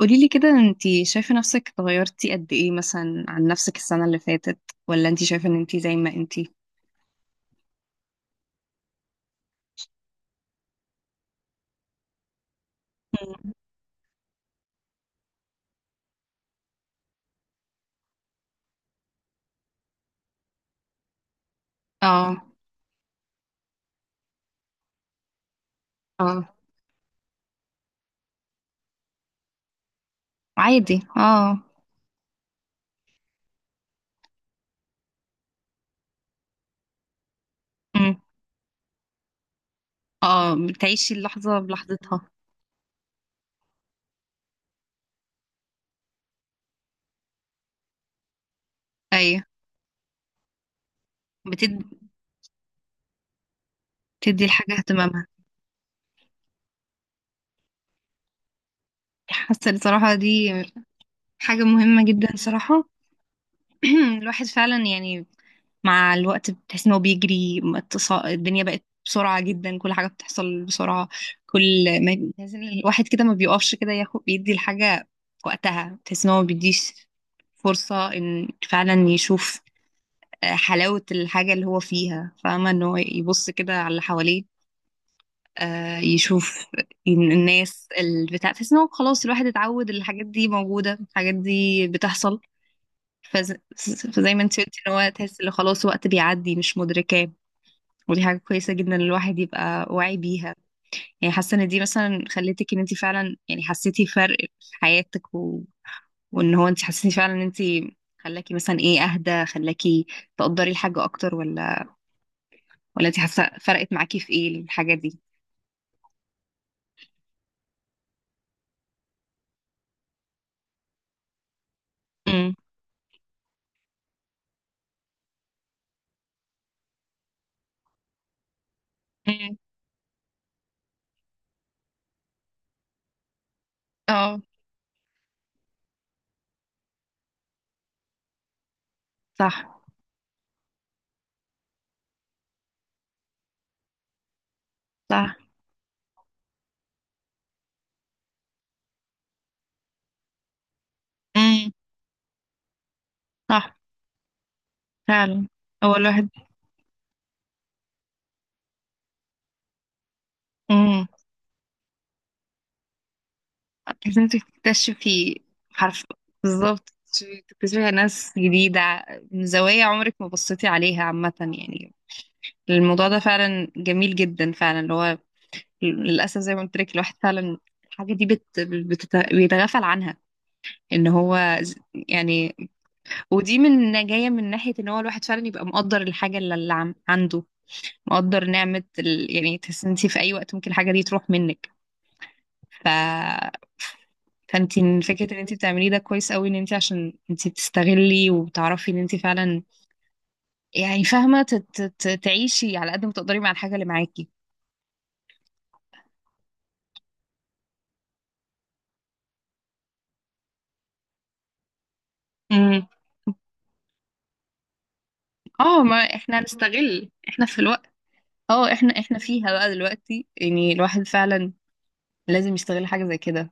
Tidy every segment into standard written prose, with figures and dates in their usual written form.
قولي لي كده، انتي شايفة نفسك اتغيرتي قد ايه مثلا عن نفسك السنة اللي فاتت، ولا انتي شايفة ان انتي زي ما انتي؟ مم. اه، اه. عادي، اه. مم. اه، بتعيشي اللحظة بلحظتها. ايوه. بتد... بتدي الحاجة اهتمامها. حاسة بصراحة دي حاجة مهمة جدا صراحة. الواحد فعلا يعني مع الوقت بتحس ان هو بيجري الدنيا بقت بسرعة جدا، كل حاجة بتحصل بسرعة. كل ما بتحس ان الواحد كده ما بيقفش كده ياخد بيدي الحاجة وقتها، بتحس ان هو ما بيديش فرصة ان فعلا يشوف حلاوة الحاجة اللي هو فيها، فاهمة؟ ان هو يبص كده على اللي حواليه، يشوف إن الناس البتاع، تحس ان هو خلاص الواحد اتعود الحاجات دي موجودة، الحاجات دي بتحصل. فز... فزي ما انت قلتي ان هو تحس ان خلاص وقت بيعدي مش مدركاه، ودي حاجة كويسة جدا إن الواحد يبقى واعي بيها. يعني حاسة ان دي مثلا خلتك ان انت فعلا يعني حسيتي فرق في حياتك وان هو انت حسيتي فعلا ان انت خلاكي مثلا ايه، اهدى، خلاكي تقدري الحاجة اكتر، ولا انت حاسة فرقت معاكي في ايه الحاجة دي؟ امم امم. اه، صح، صح. امم. صح فعلا. هو الواحد. امم. لازم تكتشفي. حرف. بالظبط. تكتشفي ناس جديدة، من زوايا عمرك ما بصيتي عليها عامة يعني. الموضوع ده فعلا جميل جدا فعلا اللي هو، للأسف زي ما قلت لك، الواحد فعلا الحاجة دي بيتغافل عنها. ان هو ز- يعني، ودي من جاية من ناحية ان هو الواحد فعلا يبقى مقدر الحاجة اللي عنده، مقدر نعمة يعني تحس انت في اي وقت ممكن الحاجة دي تروح منك. ف، فانت فكرة ان انت بتعمليه ده كويس قوي، ان انت عشان انت بتستغلي وبتعرفي ان انت فعلا يعني فاهمة، تعيشي على قد ما تقدري مع الحاجة اللي معاكي. اه، ما احنا هنستغل احنا في الوقت. اه، احنا فيها بقى دلوقتي، يعني الواحد فعلا لازم يستغل حاجة زي كده.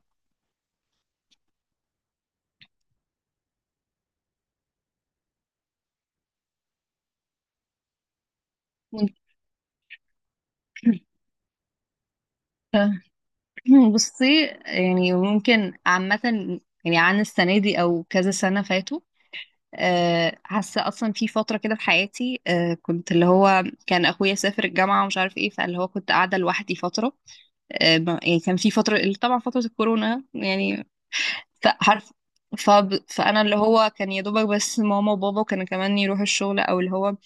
ممكن. ف- بصي يعني ممكن عامة، يعني عن السنة دي أو كذا سنة فاتوا. آه، حاسة أصلا في فترة كده في حياتي، كنت اللي هو كان أخويا سافر الجامعة ومش عارف إيه، فاللي هو كنت قاعدة لوحدي فترة. آه، يعني كان في فترة، طبعا فترة الكورونا يعني. فعارف، ف... فانا اللي هو كان يا دوبك بس ماما وبابا كانوا كمان يروحوا الشغل، او اللي هو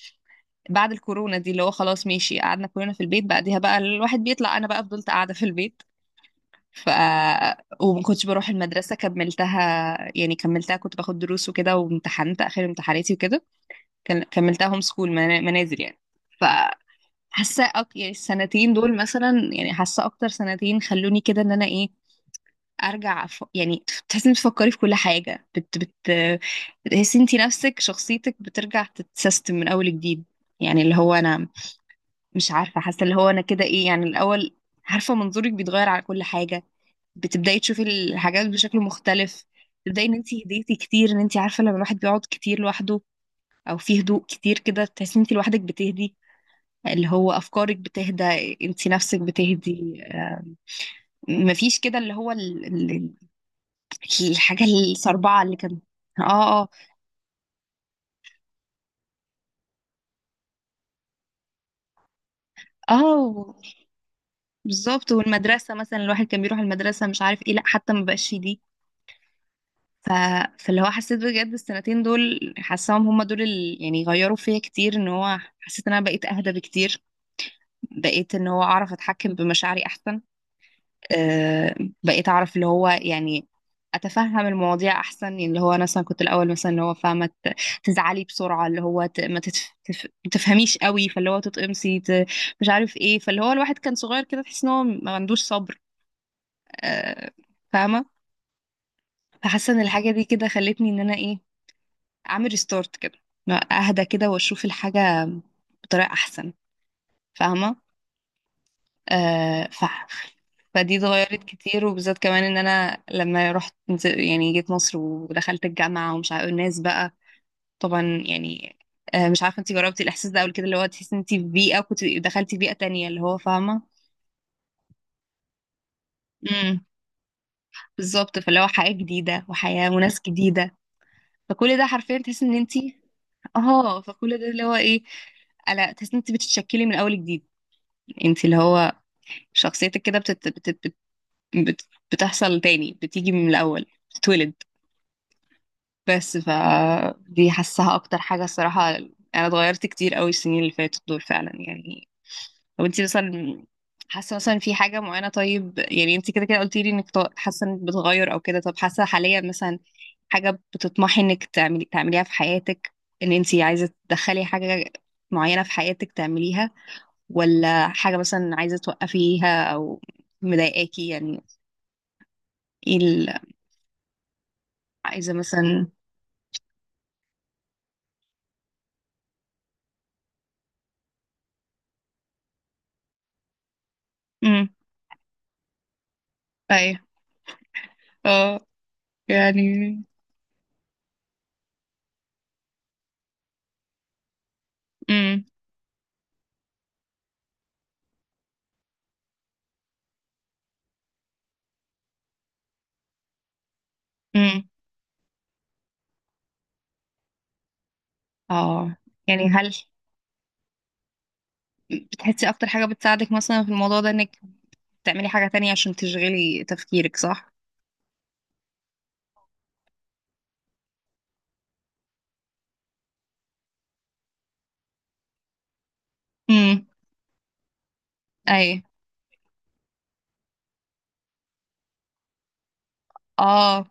بعد الكورونا دي اللي هو خلاص ماشي، قعدنا كلنا في البيت، بعديها بقى الواحد بيطلع، انا بقى فضلت قاعده في البيت. ف، وما كنتش بروح المدرسه، كملتها يعني، كملتها كنت باخد دروس وكده، وامتحنت اخر امتحاناتي وكده. كملتها هوم سكول، منازل يعني. ف، حاسه يعني السنتين دول مثلا، يعني حاسه اكتر سنتين خلوني كده، ان انا ايه ارجع يعني تحسي انك بتفكري في كل حاجه بت بت تحسي انت نفسك شخصيتك بترجع تتسيستم من اول جديد. يعني اللي هو انا، مش عارفه، حاسه اللي هو انا كده ايه، يعني الاول عارفه منظورك بيتغير على كل حاجه، بتبداي تشوفي الحاجات بشكل مختلف. تبداي ان انت هديتي كتير، ان انت عارفه لما الواحد بيقعد كتير لوحده، او في هدوء كتير كده، تحسي ان انت لوحدك بتهدي. اللي هو افكارك بتهدى، انت نفسك بتهدي. مفيش كده اللي هو الحاجة الصربعة اللي كان. اه، اه. اه و- بالظبط، والمدرسة مثلا، الواحد كان بيروح المدرسة مش عارف ايه، لا حتى ما بقاش دي. ف... فاللي هو حسيت بجد السنتين دول، حاساهم هما دول اللي يعني غيروا فيا كتير، ان هو حسيت ان انا بقيت اهدى بكتير، بقيت ان هو اعرف اتحكم بمشاعري احسن. آه، بقيت اعرف اللي هو يعني اتفهم المواضيع احسن. يعني اللي هو انا مثلا كنت الاول مثلا اللي هو فاهمه، تزعلي بسرعه، اللي هو ما ما تفهميش قوي، فاللي هو تتقمصي مش عارف ايه. فاللي هو الواحد كان صغير كده، تحس ان هو ما عندوش صبر. آه، فاهمه. فحاسه ان الحاجه دي كده خلتني ان انا ايه، اعمل ريستارت كده، اهدى كده واشوف الحاجه بطريقه احسن، فاهمه؟ آه ف... فدي اتغيرت كتير. وبالذات كمان ان انا لما يعني جيت مصر ودخلت الجامعه ومش عارفه الناس بقى، طبعا يعني. آه، مش عارفه انت جربتي الاحساس ده قبل كده، اللي هو تحسي انت في بيئه كنت دخلتي بيئه تانية، اللي هو فاهمه. امم. بالظبط، فاللي هو حياه جديده، وحياه وناس جديده، فكل ده حرفيا تحسي ان انت، اه، فكل ده اللي هو ايه، لا تحس ان انت بتتشكلي من اول جديد. انت اللي هو شخصيتك كده بتت... بت... بت... بت... بتحصل تاني، بتيجي من الاول، بتتولد. بس ف، دي حاساها اكتر حاجة الصراحة. انا اتغيرت كتير قوي السنين اللي فاتت دول فعلا، يعني. طب انت مثلا، حاسة مثلا في حاجة معينة؟ طيب يعني انت كده كده قلتي لي انك حاسة انك بتغير او كده، طب حاسة حاليا مثلا حاجة بتطمحي انك تعمليها في حياتك؟ ان انت عايزة تدخلي حاجة معينة في حياتك تعمليها، ولا حاجة مثلا عايزة توقفيها او مضايقاكي يعني؟ ايه عايزة مثلا. امم، ايوه، اه يعني. امم، امم، اه. يعني هل بتحسي اكتر حاجة بتساعدك مثلا في الموضوع ده انك بتعملي حاجة تانية عشان تشغلي تفكيرك، صح؟ امم. اي. اه،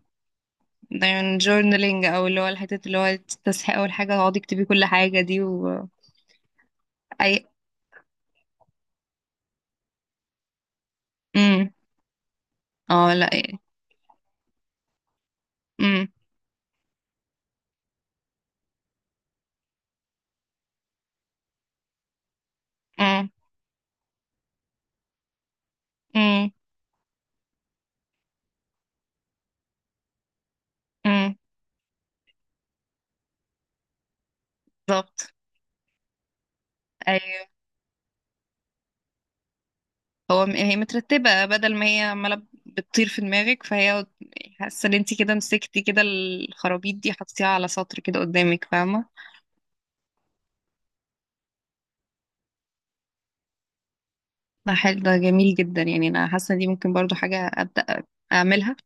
ده يعني جورنالينج، او اللي هو الحتة اللي هو تصحي اول حاجة تقعدي تكتبي كل حاجة دي و، اي. امم. اه، لا. امم، امم، امم. امم. بالظبط. اي. هو هي مترتبة بدل ما هي عمالة بتطير في دماغك، فهي، حاسة ان انتي كده مسكتي كده الخرابيط دي، حطيتيها على سطر كده قدامك، فاهمة؟ ده حلو، ده جميل جدا. يعني انا حاسه إن دي ممكن برضو حاجه ابدا اعملها.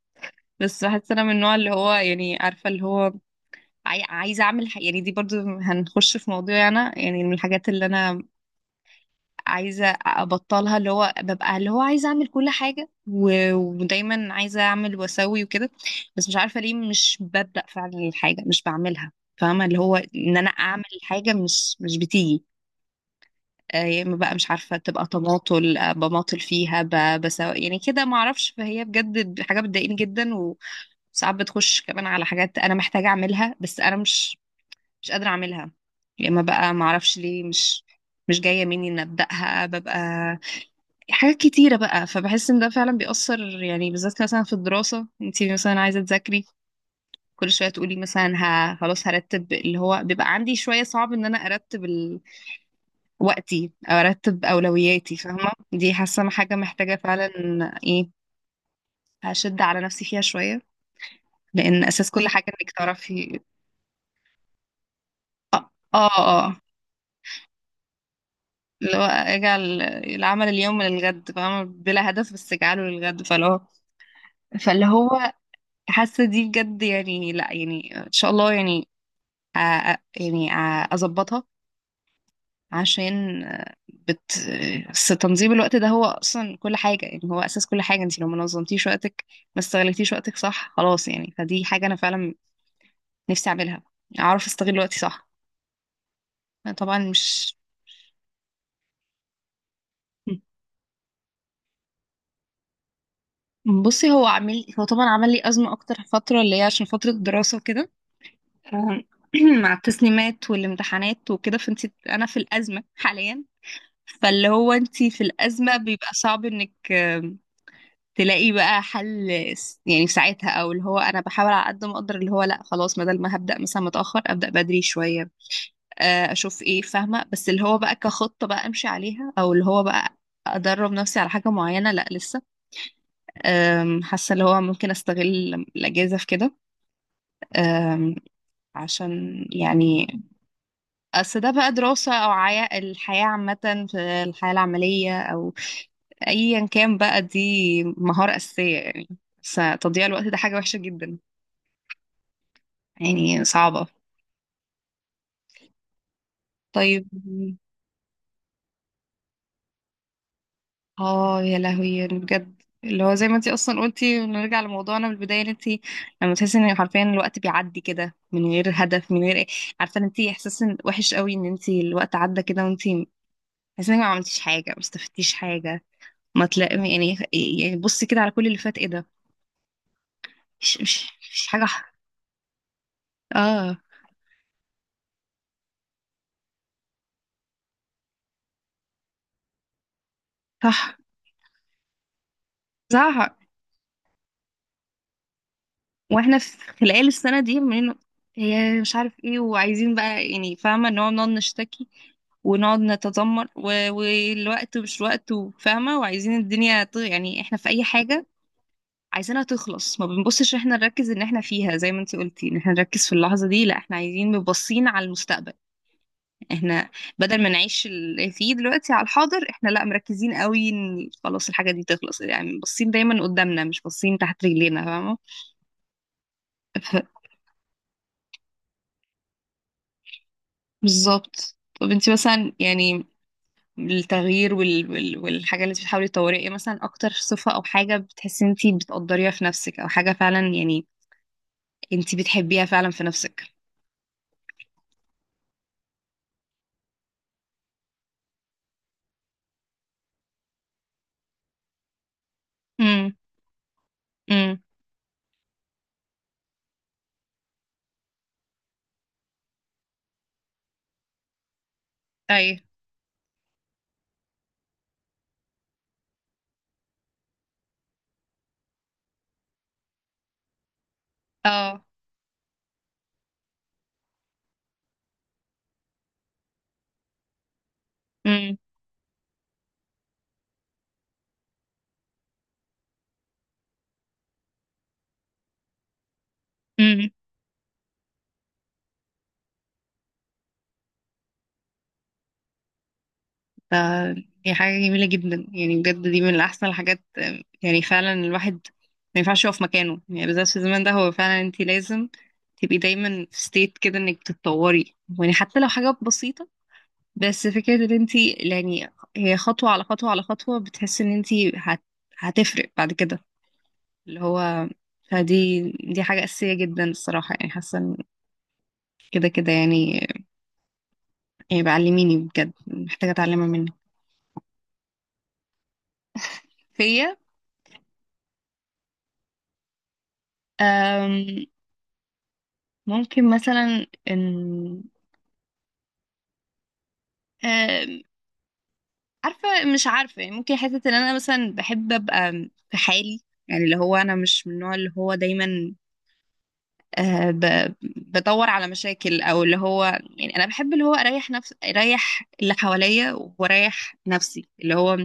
بس بحس انا من النوع اللي هو يعني عارفه اللي هو عايزه اعمل يعني دي برضو هنخش في موضوع، انا يعني من الحاجات اللي انا عايزه ابطلها، اللي هو ببقى اللي هو عايزه اعمل كل حاجه ودايما عايزه اعمل واسوي وكده، بس مش عارفه ليه مش ببدا فعلا، الحاجه مش بعملها. فاهمه اللي هو ان انا اعمل حاجه، مش بتيجي. آه، يا اما بقى مش عارفه تبقى تماطل، آه، بماطل فيها بسوا يعني كده ما اعرفش. فهي بجد حاجه بتضايقني جدا، وساعات بتخش كمان على حاجات انا محتاجه اعملها، بس انا مش قادره اعملها. يا اما بقى ما اعرفش ليه مش جايه مني ان ابداها، ببقى حاجات كتيره بقى. فبحس ان ده فعلا بيأثر، يعني بالذات مثلا في الدراسه انت مثلا عايزه تذاكري، كل شويه تقولي مثلا خلاص هرتب. اللي هو بيبقى عندي شويه صعب ان انا ارتب وقتي، ارتب اولوياتي. فاهمه؟ دي حاسه حاجه محتاجه فعلا ايه، هشد على نفسي فيها شويه، لان اساس كل حاجه انك تعرفي. اه، اه، اللي هو اجعل العمل اليوم للغد، فاهمه؟ بلا هدف، بس اجعله للغد. فاللي هو حاسه دي بجد، يعني لا يعني ان شاء الله يعني، أ... أ- يعني أ- اظبطها، عشان آه، بس تنظيم الوقت ده هو اصلا كل حاجه، يعني هو اساس كل حاجه. انت لو ما نظمتيش وقتك، ما استغلتيش وقتك صح، خلاص يعني. فدي حاجه انا فعلا نفسي اعملها، اعرف استغل وقتي صح. أنا طبعا مش، م. بصي هو عامل، هو طبعا عمل لي ازمه اكتر فتره اللي هي عشان فتره الدراسه وكده، آه، مع التسليمات والامتحانات وكده، فانت انا في الازمه حاليا، فاللي هو انت في الازمه بيبقى صعب انك تلاقي بقى حل، يعني في ساعتها. او اللي هو انا بحاول على قد ما اقدر، اللي هو لا خلاص بدل ما هبدا مثلا متاخر ابدا بدري شويه، آه، اشوف ايه، فاهمه؟ بس اللي هو بقى كخطه بقى امشي عليها او اللي هو بقى ادرب نفسي على حاجه معينه، لا لسه. آم، حاسه اللي هو ممكن استغل الاجازه في كده. آم، عشان يعني اصل ده بقى دراسه، او عيا الحياه عامه، في الحياه العمليه، او ايا كان بقى، دي مهاره اساسيه يعني، بس تضييع الوقت ده حاجه وحشه جدا. يعني صعبة. طيب. اه، يا لهوي يعني بجد، اللي هو زي ما انتي اصلا قلتي نرجع لموضوعنا من البداية، ان انتي لما تحسي ان حرفيا الوقت بيعدي كده من غير هدف، من غير ايه، عارفة ان انتي احساس وحش قوي ان انتي الوقت عدى كده، وانتي حاسة انك ما عملتيش حاجة، ما استفدتيش حاجة، ما تلاقي يعني بصي كده على كل اللي فات ايه ده. مش مش مش حاجة اه، صح، صح. واحنا في خلال السنة دي من، هي مش عارف ايه، وعايزين بقى يعني، فاهمة ان هو بنقعد نشتكي ونقعد نتذمر والوقت مش وقت، وفاهمة وعايزين الدنيا يعني احنا في اي حاجة عايزينها تخلص، ما بنبصش احنا نركز ان احنا فيها، زي ما انتي قلتي ان احنا نركز في اللحظة دي. لا، احنا عايزين مبصين على المستقبل، احنا بدل ما نعيش اللي فيه دلوقتي على الحاضر، احنا لا مركزين قوي ان خلاص الحاجة دي تخلص، يعني باصين دايما قدامنا، مش باصين تحت رجلينا، فاهمة؟ بالظبط. طب انت مثلا يعني التغيير والحاجة اللي انت بتحاولي تطوريها ايه مثلا؟ اكتر صفة او حاجة بتحسي انت بتقدريها في نفسك، او حاجة فعلا يعني انت بتحبيها فعلا في نفسك. امم امم، ايوه، اه، امم امم. ده، دي حاجة جميلة جدا يعني بجد، دي من احسن الحاجات. آم، يعني فعلا الواحد ما ينفعش يقف مكانه، يعني بالذات في الزمن ده، هو فعلا انت لازم تبقي دايما في ستيت كده انك بتتطوري، يعني حتى لو حاجة بسيطة، بس فكرة ان انت يعني هي خطوة على خطوة على خطوة، بتحس ان انت هت... هتفرق بعد كده اللي هو، فدي حاجة أساسية جدا الصراحة. يعني حاسة إن كده كده يعني، يعني بعلميني بجد محتاجة أتعلمها منك، فيا. أم، ممكن مثلا ان، أم، عارفة، مش عارفة يعني، ممكن حتة ان انا مثلا بحب ابقى في حالي، يعني اللي هو انا مش من النوع اللي هو دايما آه، بدور على مشاكل او اللي هو، يعني انا بحب اللي هو اريح نفس، اريح اللي حواليا واريح نفسي، اللي هو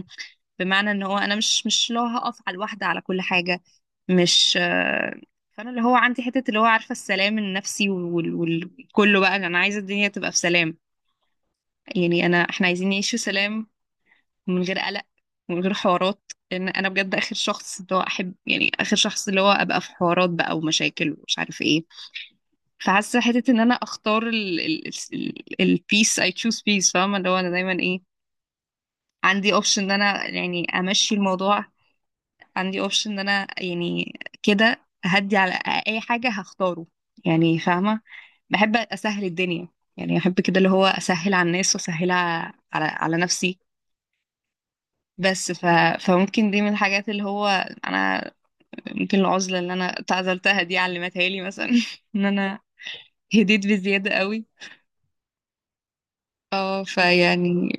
بمعنى ان هو انا مش اللي هو هقف على الواحده على كل حاجه، مش آه، فانا اللي هو عندي حته اللي هو عارفه السلام النفسي، وكله بقى انا عايزه الدنيا تبقى في سلام، يعني انا احنا عايزين نعيش في سلام، من غير قلق، من غير حوارات، لان انا بجد اخر شخص اللي هو احب، يعني اخر شخص اللي هو ابقى في حوارات بقى ومشاكل ومش عارف ايه. فحاسه حته ان انا اختار البيس، اي تشوز بيس، فاهمه؟ اللي هو انا دايما ايه، عندي اوبشن ان انا يعني امشي الموضوع، عندي اوبشن ان انا يعني كده هدي، على اي حاجه هختاره يعني، فاهمه؟ بحب اسهل الدنيا، يعني بحب كده اللي هو اسهل على الناس واسهل على نفسي. بس ف... فممكن دي من الحاجات اللي هو انا، ممكن العزله اللي انا اتعزلتها دي علمتها لي مثلا ان انا هديت بزياده قوي. اه، فيعني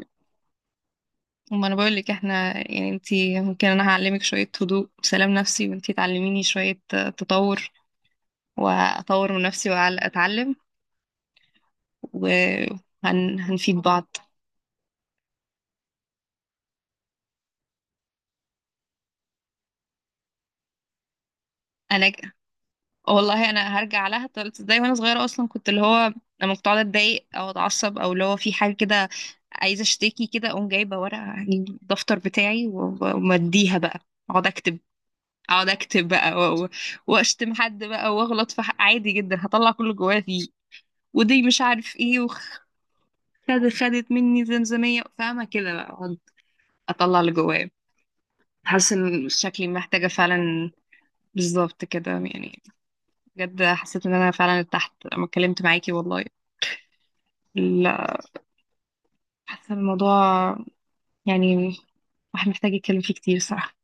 وما انا بقول لك احنا يعني، انتي ممكن، انا هعلمك شوية هدوء وسلام نفسي، وانتي تعلميني شوية تطور، واطور من نفسي واتعلم، وهنفيد بعض. انا ج- والله انا هرجع لها، طلعت ازاي وانا صغيرة اصلا، كنت اللي هو لما كنت اقعد اتضايق او اتعصب، او اللي هو في حاجة كده عايزة اشتكي كده، اقوم جايبة ورقة، هجيب الدفتر بتاعي ومديها بقى، اقعد اكتب، اقعد اكتب بقى واشتم حد بقى، واغلط في حق عادي جدا، هطلع كله جوايا فيه، ودي مش عارف ايه. وخدت مني زمزمية فاهمة كده، بقى أقعد اطلع اللي جوايا. حاسة ان شكلي محتاجة فعلا، بالظبط كده يعني. بجد حسيت ان انا فعلا ارتحت لما اتكلمت معاكي والله. لا، حاسة الموضوع يعني، واحد محتاج يتكلم فيه كتير صراحة.